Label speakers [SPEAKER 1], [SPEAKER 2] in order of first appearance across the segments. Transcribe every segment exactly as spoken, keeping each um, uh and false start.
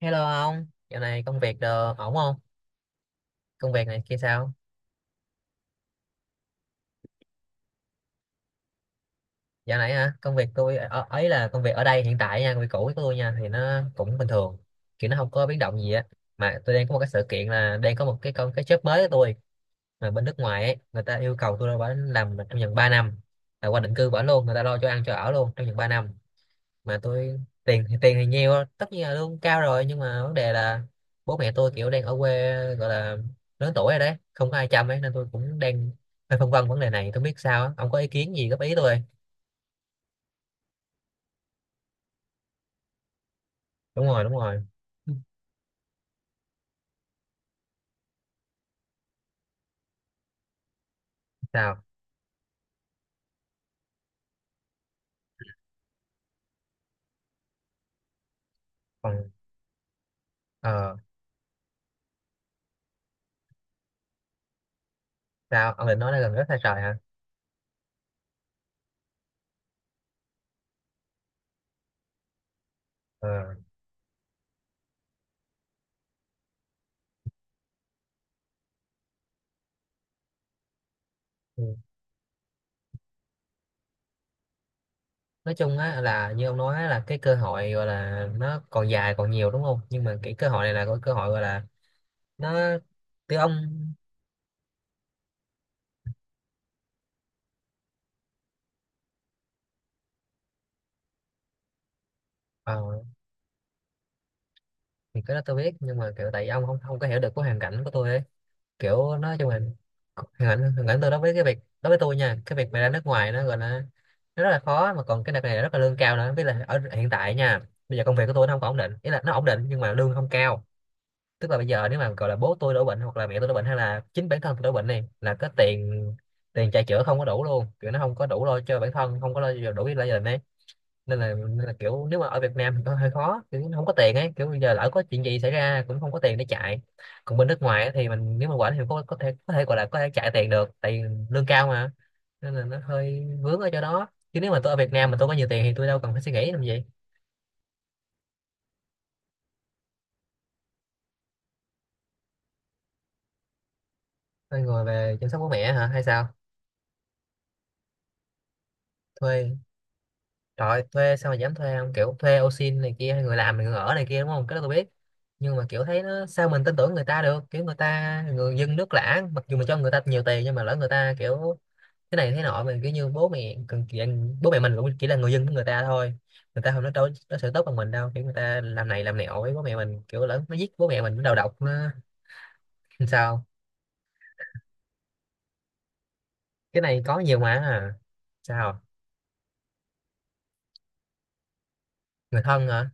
[SPEAKER 1] Hello ông, dạo này công việc đồ ổn không? Công việc này kia sao? Dạo này hả? Công việc tôi ở, ấy là công việc ở đây hiện tại nha, công việc cũ của tôi nha thì nó cũng bình thường, kiểu nó không có biến động gì á. Mà tôi đang có một cái sự kiện là đang có một cái con cái job mới của tôi mà bên nước ngoài ấy, người ta yêu cầu tôi là phải làm trong vòng ba năm, là qua định cư bỏ luôn, người ta lo cho ăn cho ở luôn trong vòng ba năm. Mà tôi tiền thì tiền thì nhiều, tất nhiên là lương cao rồi, nhưng mà vấn đề là bố mẹ tôi kiểu đang ở quê, gọi là lớn tuổi rồi đấy, không có ai chăm ấy, nên tôi cũng đang hơi phân vân vấn đề này không biết sao á. Ông có ý kiến gì góp ý tôi không? Đúng rồi, đúng rồi. Sao? Còn ờ sao ông định nói là gần rất xa trời hả? Ờ. Ừ. Nói chung á là như ông nói á, là cái cơ hội gọi là nó còn dài còn nhiều đúng không, nhưng mà cái cơ hội này là cái cơ hội gọi là nó từ ông. ờ, thì cái đó tôi biết, nhưng mà kiểu tại vì ông không không có hiểu được cái hoàn cảnh của tôi ấy, kiểu nói chung là hoàn cảnh hoàn cảnh tôi đối với cái việc, đối với tôi nha, cái việc mà ra nước ngoài nó gọi là nó rất là khó, mà còn cái đợt này là rất là lương cao nữa, với là ở hiện tại nha, bây giờ công việc của tôi nó không có ổn định, ý là nó ổn định nhưng mà lương không cao. Tức là bây giờ nếu mà gọi là bố tôi đổ bệnh hoặc là mẹ tôi đổ bệnh hay là chính bản thân tôi đổ bệnh này là cái tiền tiền chạy chữa không có đủ luôn, kiểu nó không có đủ lo cho bản thân, không có lo đủ lo cho gia đình ấy. Nên là nên là kiểu nếu mà ở Việt Nam thì có hơi khó, kiểu không có tiền ấy, kiểu bây giờ lỡ có chuyện gì xảy ra cũng không có tiền để chạy, còn bên nước ngoài á thì mình nếu mà quản thì có có thể, có thể gọi là có thể chạy tiền được tại vì lương cao mà. Nên là nó hơi vướng ở chỗ đó, chứ nếu mà tôi ở Việt Nam mà tôi có nhiều tiền thì tôi đâu cần phải suy nghĩ làm gì. Tôi ngồi về chăm sóc bố mẹ hả hay sao? Thuê? Trời ơi, thuê sao mà dám thuê, không kiểu thuê ô xin này kia hay người làm người ở này kia đúng không, cái đó tôi biết, nhưng mà kiểu thấy nó sao mình tin tưởng người ta được, kiểu người ta người dân nước lã, mặc dù mình cho người ta nhiều tiền nhưng mà lỡ người ta kiểu thế này thế nọ, mình kiểu như bố mẹ cần kiểu, bố mẹ mình cũng chỉ là người dân của người ta thôi, người ta không nói đâu nó sẽ tốt bằng mình đâu, kiểu người ta làm này làm nẹo với bố mẹ mình, kiểu lớn nó giết bố mẹ mình, nó đầu độc nó. Sao? Cái này có nhiều mà à. Sao? Người thân hả?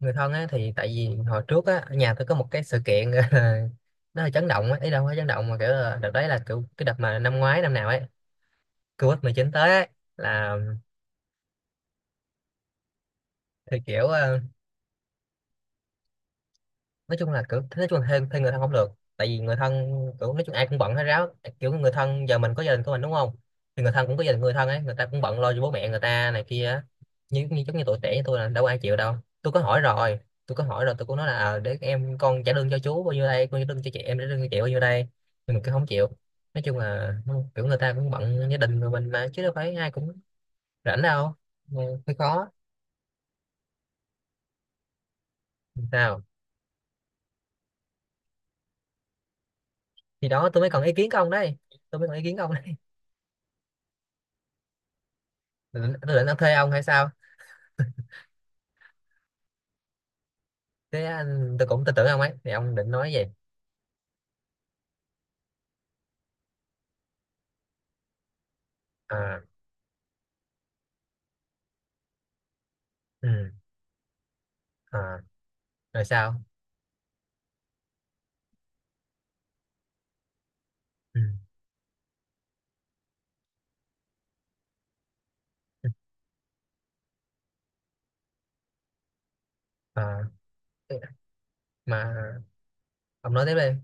[SPEAKER 1] Người thân á thì tại vì hồi trước á ở nhà tôi có một cái sự kiện nó hơi chấn động á, ý đâu có chấn động mà kiểu là đợt đấy là kiểu cái đợt mà năm ngoái năm nào ấy, Covid mười chín tới ấy, là thì kiểu ờ, nói chung là kiểu nói chung là thuê, thuê người thân không được, tại vì người thân kiểu nói chung ai cũng bận hết ráo, kiểu người thân giờ mình có gia đình của mình đúng không, thì người thân cũng có gia đình người thân ấy, người ta cũng bận lo cho bố mẹ người ta này kia á. Như như giống như tuổi trẻ như tôi là đâu có ai chịu đâu. tôi có hỏi rồi tôi có hỏi rồi, tôi cũng nói là ờ, để em con trả lương cho chú bao nhiêu đây, con trả lương cho chị, em trả lương cho chị bao nhiêu đây, nhưng mà cứ không chịu. Nói chung là ừ, kiểu người ta cũng bận gia đình của mình mà, chứ đâu phải ai cũng rảnh đâu. Ừ, hơi khó. Sao? Thì đó tôi mới cần ý kiến của ông đấy. Tôi mới cần ý kiến của ông đấy. Tôi định, tôi định thuê ông hay sao? Thế anh tôi cũng tin tưởng ông ấy, thì ông định nói gì? À. Ừ. À. Rồi sao? Ừ. À. Mà ông nói tiếp đi.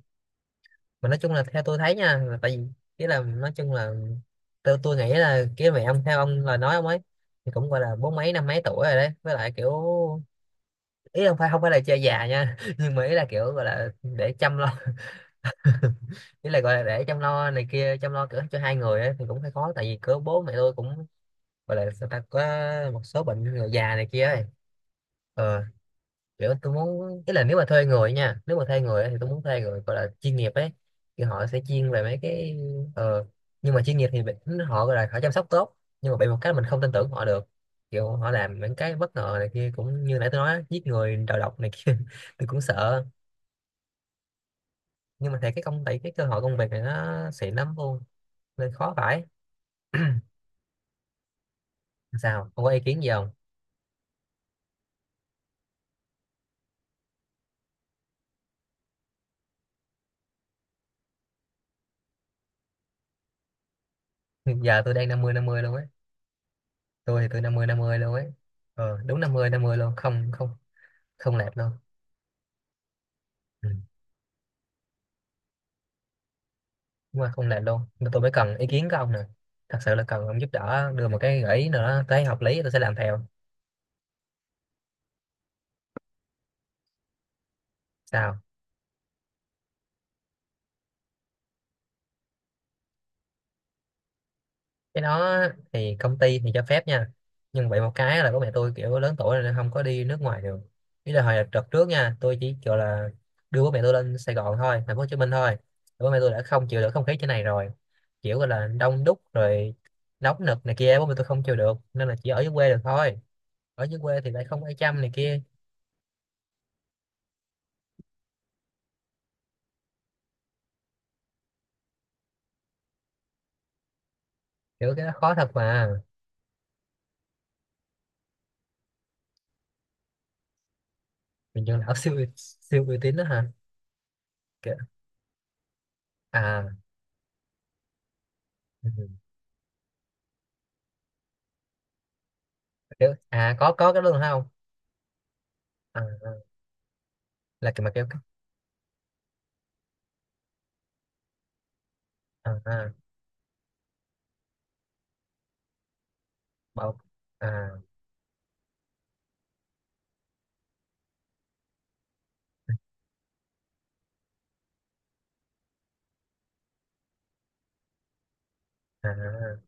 [SPEAKER 1] Mà nói chung là theo tôi thấy nha là tại vì cái là nói chung là tôi tôi nghĩ là cái mẹ ông theo ông lời nói ông ấy, thì cũng gọi là bốn mấy năm mấy tuổi rồi đấy, với lại kiểu ý không phải không phải là chơi già nha, nhưng mà ý là kiểu gọi là để chăm lo. Ý là gọi là để chăm lo này kia, chăm lo kiểu cho hai người ấy, thì cũng hơi khó tại vì cỡ bố mẹ tôi cũng gọi là sao ta có một số bệnh người già này kia ấy. Ờ. Kiểu tôi muốn ý là nếu mà thuê người nha, nếu mà thuê người ấy, thì tôi muốn thuê người gọi là chuyên nghiệp ấy, thì họ sẽ chuyên về mấy cái. ờ nhưng mà chuyên nghiệp thì bị- họ gọi là họ chăm sóc tốt, nhưng mà bị một cái là mình không tin tưởng họ được, kiểu họ làm những cái bất ngờ này kia cũng như nãy tôi nói á, giết người đầu độc này kia. Tôi cũng sợ, nhưng mà thấy cái công ty cái cơ hội công việc này nó xịn lắm luôn, nên khó phải. Sao không có ý kiến gì không? Giờ tôi đang năm mươi năm mươi luôn á. Tôi thì tôi năm mươi năm mươi luôn ấy. Ờ, đúng năm mươi năm mươi luôn, không không không lệch luôn. Ừ. Đúng là không lệch luôn, nên tôi mới cần ý kiến của ông nè. Thật sự là cần ông giúp đỡ đưa một cái gợi ý nữa tới hợp lý, tôi sẽ làm theo. Sao? Cái đó thì công ty thì cho phép nha, nhưng vậy một cái là bố mẹ tôi kiểu lớn tuổi rồi nên không có đi nước ngoài được. Ý là hồi đợt trước nha, tôi chỉ gọi là đưa bố mẹ tôi lên Sài Gòn thôi, thành phố Hồ Chí Minh thôi, bố mẹ tôi đã không chịu được không khí trên này rồi, kiểu gọi là đông đúc rồi, nóng nực này kia, bố mẹ tôi không chịu được nên là chỉ ở dưới quê được thôi. Ở dưới quê thì lại không ai chăm này kia, kiểu cái đó khó thật mà. Mình trường lão siêu siêu uy tín đó hả? Kiểu, à. Ừ, kiểu. À, có có cái đó luôn phải không? à, à, là kiểu mà kiểu. À, à. Bọc. À, à,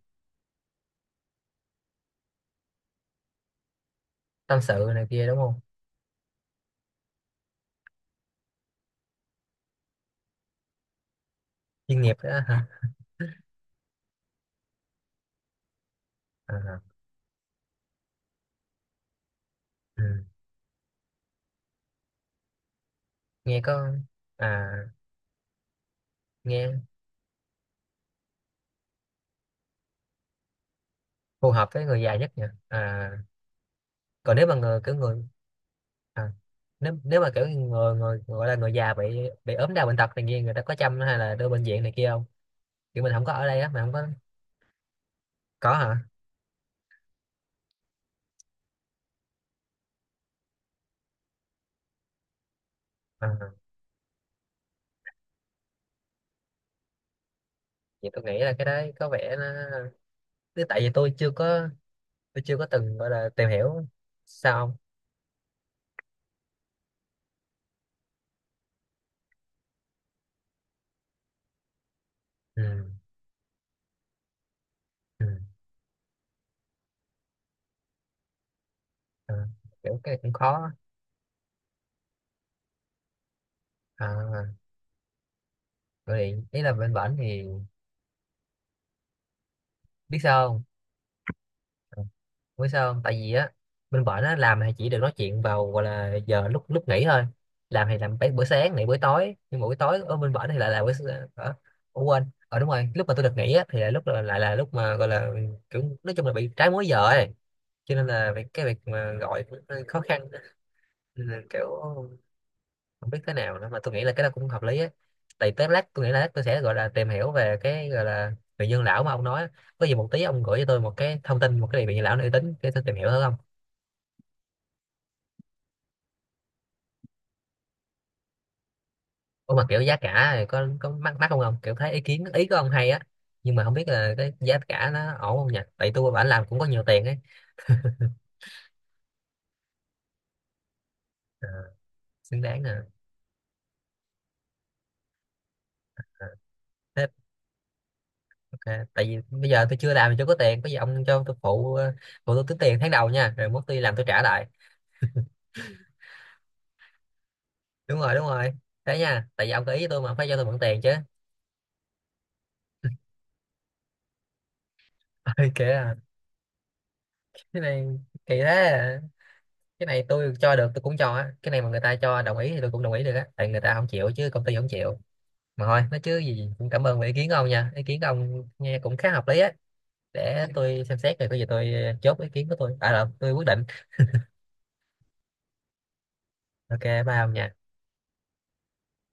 [SPEAKER 1] tâm sự này kia đúng không? Chuyên nghiệp đó hả? À. Ừ. Nghe có. À. Nghe phù hợp với người già nhất nhỉ? À, còn nếu mà người kiểu người. À, nếu nếu mà kiểu người, người gọi là người già bị bị ốm đau bệnh tật này kia, người ta có chăm hay là đưa bệnh viện này kia không, kiểu mình không có ở đây á mà không có. Có hả? À. Vậy tôi nghĩ là cái đấy có vẻ nó tức tại vì tôi chưa có. Tôi chưa có từng gọi là tìm hiểu. Sao không? Ừ. Ừ. À. Kiểu cái cũng khó. À, gọi điện ý là bên bển thì biết sao không? Ừ, biết sao không, tại vì á bên bển á làm thì chỉ được nói chuyện vào gọi là giờ lúc lúc nghỉ thôi, làm thì làm bấy- bữa sáng này bữa tối, nhưng mà buổi tối ở bên bển thì lại là bữa s- ở, Ủa quên, ờ đúng rồi, lúc mà tôi được nghỉ á thì là lúc là, lại là lúc mà gọi là kiểu nói chung là bị trái múi giờ ấy, cho nên là việc- cái việc mà gọi cũng hơi khó khăn. Nên là kiểu không biết thế nào nữa, mà tôi nghĩ là cái đó cũng hợp lý á, tại tới lát tôi nghĩ là lát tôi sẽ gọi là tìm hiểu về cái gọi là vị nhân lão mà ông nói á. Có gì một tí ông gửi cho tôi một cái thông tin một cái vị nhân lão uy tín để tôi tìm hiểu thử không? Ủa mà kiểu giá cả thì có có mắc mắc không ông, kiểu thấy ý kiến ý của ông hay á, nhưng mà không biết là cái giá cả nó ổn không nhỉ, tại tôi bản làm cũng có nhiều tiền ấy. Ờ, xứng đáng à, à thế. Ok, tại vì bây giờ tôi chưa làm thì chưa có tiền, có gì ông cho tôi phụ ờ, phụ tôi tính tiền tháng đầu nha, rồi mốt tôi làm tôi trả lại. Đúng rồi, đúng rồi. Thế nha, tại vì ông có ý với tôi mà phải cho tôi mượn tiền chứ. Ôi, kệ à. Cái này kỳ thế à. Cái này tôi cho được tôi cũng cho á, cái này mà người ta cho đồng ý thì tôi cũng đồng ý được á, tại người ta không chịu, chứ công ty không chịu. Mà thôi nói chứ gì cũng cảm ơn về ý kiến của ông nha, ý kiến của ông nghe cũng khá hợp lý á, để tôi xem xét rồi có gì tôi chốt ý kiến của tôi à là tôi quyết định. Ok, bye ông nha.